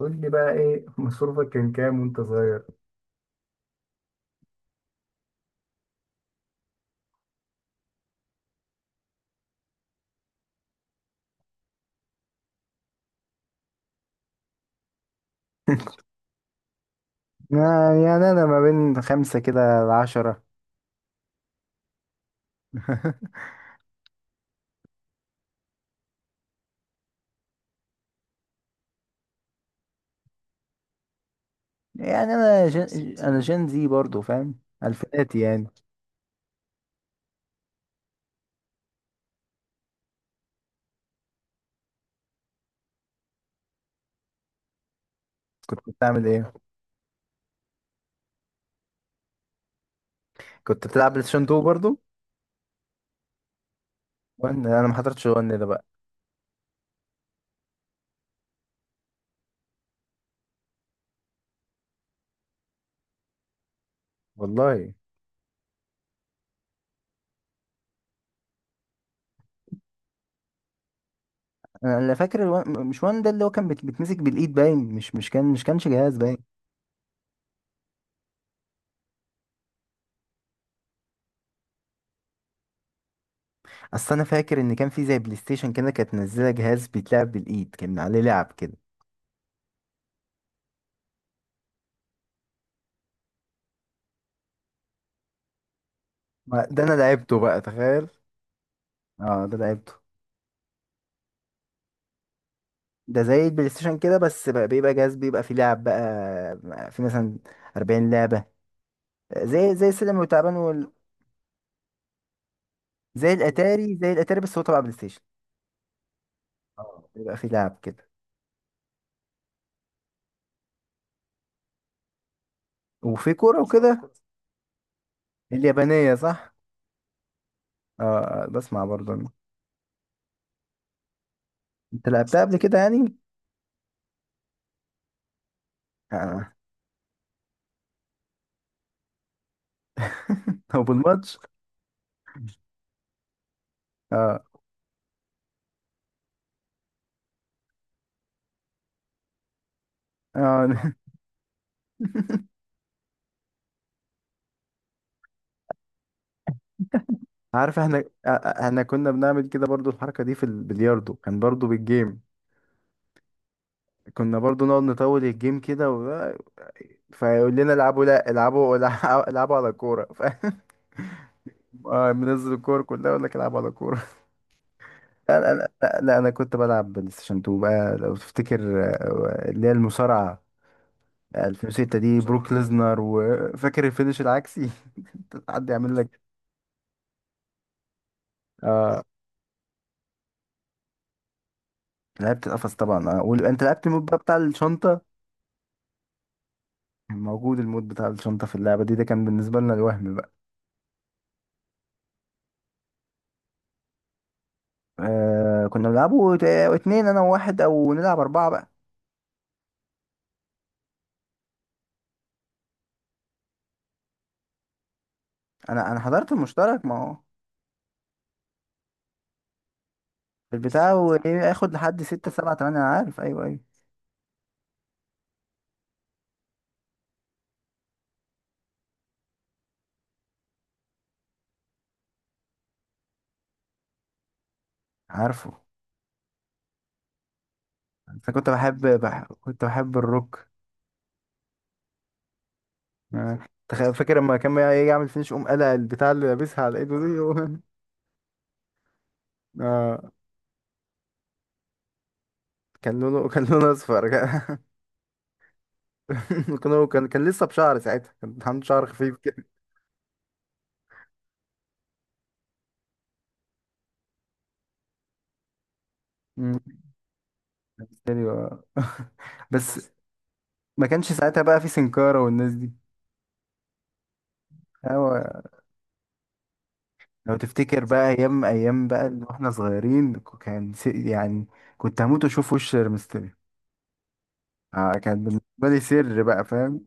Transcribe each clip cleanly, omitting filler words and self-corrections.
قول لي بقى ايه مصروفك كان كام وانت صغير؟ يعني انا ما بين خمسة كده لعشرة. يعني انا جن... انا جن زي برضو، فاهم الفيناتي يعني. كنت بتعمل ايه؟ كنت بتلعب بلاي ستيشن 2 برضو؟ وان انا ما حضرتش وان ده بقى. والله انا اللي فاكر مش وان ده، اللي هو كان بتمسك بالايد، باين مش كانش جهاز باين. اصل انا فاكر ان كان في زي بلاي ستيشن كده، كانت منزله جهاز بيتلعب بالايد كان عليه لعب كده. ده انا لعبته بقى، تخيل. اه ده لعبته. ده زي البلاي ستيشن كده، بس بقى بيبقى جهاز بيبقى فيه لعب بقى، في مثلا 40 لعبة، زي السلم والتعبان زي الاتاري، زي الاتاري، بس هو تبع بلاي ستيشن. اه بيبقى فيه لعب كده، وفي كورة وكده. اليابانية صح؟ اه. آه، بسمع برضه أنا. انت لعبتها قبل كده يعني؟ اه. او بالماتش. اه. اه عارف احنا. آه، آه، احنا كنا بنعمل كده برضه، الحركة دي في البلياردو كان برضه بالجيم، كنا برضه نقعد نطول الجيم كده. فيقول لنا العبوا، لا العبوا العبوا على كورة آه، منزل الكورة كلها يقول لك العبوا على كورة. لا أنا، لا لا، أنا كنت بلعب بلاي ستيشن 2 بقى لو تفتكر، اللي هي المصارعة 2006 دي، بروك بصراحة ليزنر، وفاكر الفينش العكسي. حد يعمل لك. آه لعبت القفص طبعا، انت لعبت المود بقى بتاع الشنطة. موجود المود بتاع الشنطة في اللعبة دي، ده كان بالنسبة لنا الوهم بقى. آه كنا بنلعبه اتنين انا وواحد، او نلعب اربعة بقى. انا حضرت المشترك، ما هو البتاع وايه اخد لحد ستة سبعة تمانية، انا عارف، ايوه ايوه. عارفه. انا كنت بحب بح... كنت بحب الروك. آه، فاكر لما كان بقى يجي يعمل فينش، قوم قلع البتاع اللي لابسها على ايده دي آه كان لونه اصفر. كان لسه بشعر ساعتها، كان عنده شعر خفيف كده. مم. ايوه. بس. ما كانش ساعتها بقى في سنكارة والناس دي. هو لو تفتكر بقى ايام، ايام بقى اللي واحنا صغيرين، يعني كنت هموت واشوف وش ريمستر. آه كانت بالنسبة لي سر بقى، فاهم.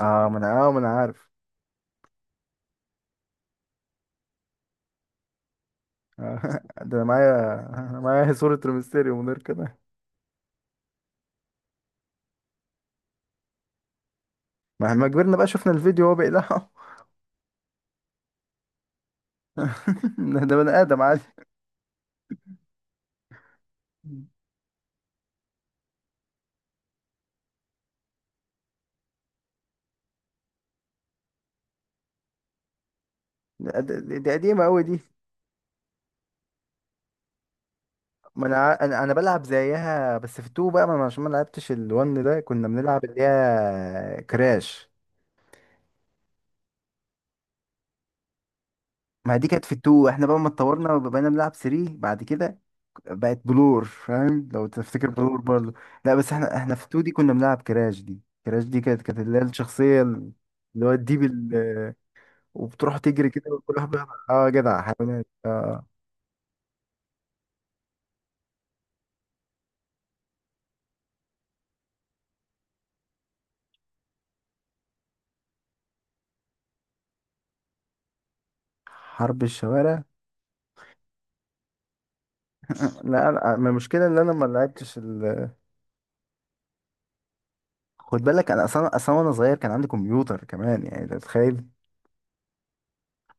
اه ما انا عارف. آه ده انا معايا، انا معايا صورة ريمستيريو من غير كده. مهما كبرنا بقى شفنا الفيديو وهو بيقلعه. ده بني ادم عادي. دي قديمة قوي دي. ما انا انا بلعب زيها بس في التو بقى، ما أنا عشان ما لعبتش الون ده كنا بنلعب اللي هي كراش. ما دي كانت في التو، احنا بقى ما اتطورنا وبقينا بنلعب 3 بعد كده. بقت بلور، فاهم لو تفتكر بلور برضه. لا بس احنا في 2 دي كنا بنلعب كراش دي، كراش دي كانت اللي هي الشخصية، اللي هو الديب وبتروح تجري كده، وكل واحد اه جدع حيوانات، اه. حرب الشوارع. لا لا، ما المشكلة اللي انا ما لعبتش ال.... خد بالك انا اصلا، اصلا وانا صغير كان عندي كمبيوتر كمان، يعني انت تتخيل.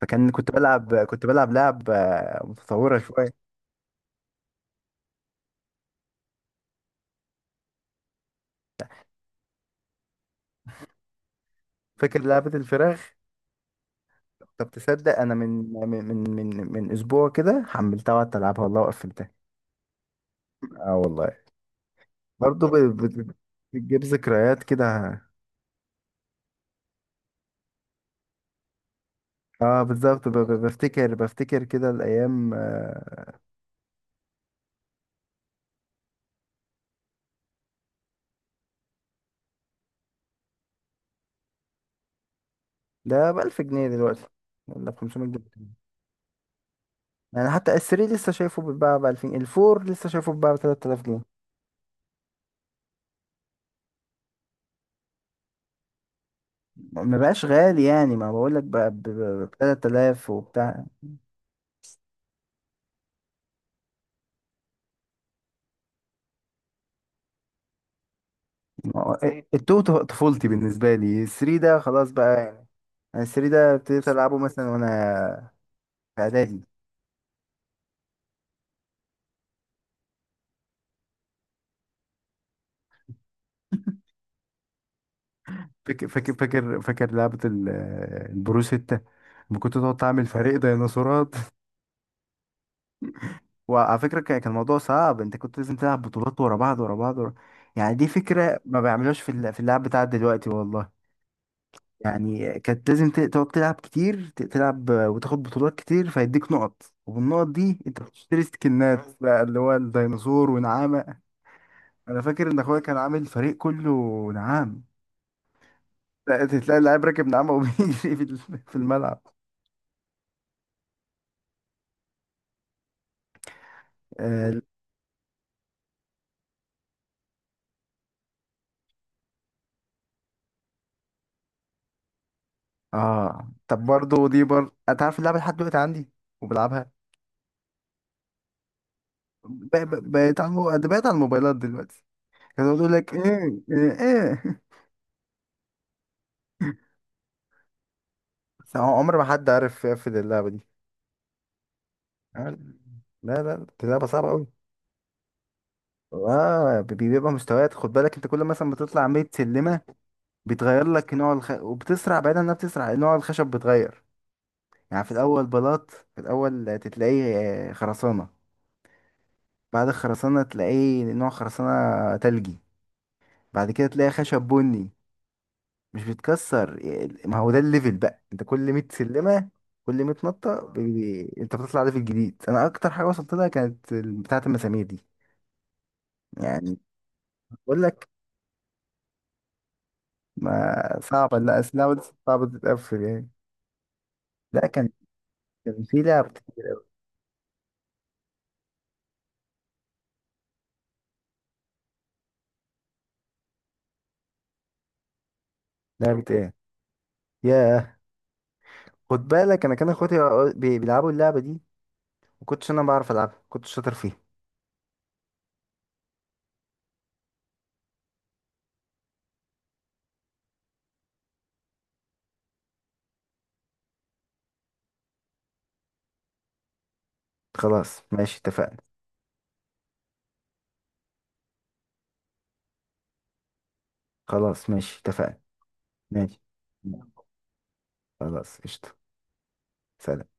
فكان كنت بلعب لعب متطورة شوية. فاكر لعبة الفراخ؟ طب تصدق، انا من من اسبوع كده حملتها وقعدت العبها والله، وقفلتها. اه والله. برضه بتجيب ذكريات كده. اه بالظبط، بفتكر كده الايام، ده ب 1000 جنيه دلوقتي، ولا ب 500 جنيه. يعني حتى الثري لسه شايفه بيتباع ب 2000، الفور لسه شايفه بيتباع ب 3000 جنيه. ما بقاش غالي يعني، ما بقول لك بقى ب 3000 وبتاع. ما هو التو، طفولتي بالنسبه لي، الثري ده خلاص بقى يعني. الثري ده ابتديت العبه مثلا وانا في اعدادي. فاكر لعبة البرو ستة، لما كنت تقعد تعمل فريق ديناصورات. وعلى فكرة كان الموضوع صعب، انت كنت لازم تلعب بطولات ورا بعض، ورا بعض، ورا.... يعني دي فكرة ما بيعملوهاش في في اللعب بتاع دلوقتي والله. يعني كانت لازم تقعد تلعب كتير، تلعب وتاخد بطولات كتير فيديك نقط، وبالنقط دي انت بتشتري سكنات بقى، اللي هو الديناصور ونعامة. انا فاكر ان اخويا كان عامل فريق كله نعام. تلاقي اللاعب راكب نعامة وبيجري في في الملعب. آه، اه طب برضه دي انت عارف اللعبه لحد دلوقتي عندي، وبلعبها. ده بقيت على الموبايلات دلوقتي. كانوا بيقول لك ايه ايه ايه. بس عمر ما حد عارف يقفل اللعبه دي. لا، لا لا، دي لعبه صعبه قوي. اه بيبقى مستويات، خد بالك انت كل مثلا ما تطلع 100 سلمه، بيتغير لك نوع وبتسرع، بعيدا انها بتسرع، نوع الخشب بيتغير. يعني في الاول بلاط، في الاول تلاقيه آه، خرسانه. بعد الخرسانه تلاقيه نوع خرسانه تلجي، بعد كده تلاقي خشب بني. مش بيتكسر، ما هو ده الليفل بقى، انت كل 100 سلمة، كل 100 نطة انت بتطلع ليفل جديد. انا اكتر حاجة وصلت لها كانت بتاعة المسامير دي. يعني بقول لك، ما صعبة، لا اسلحة دي صعبة تتقفل يعني. لا كان كان في لعبة. لعبة ايه؟ ياه. خد بالك انا كان اخواتي بيلعبوا اللعبة دي، ما كنتش انا بعرف العبها، كنت شاطر فيها. خلاص ماشي اتفقنا. خلاص ماشي اتفقنا. ماشي. خلاص قشطة. سلام.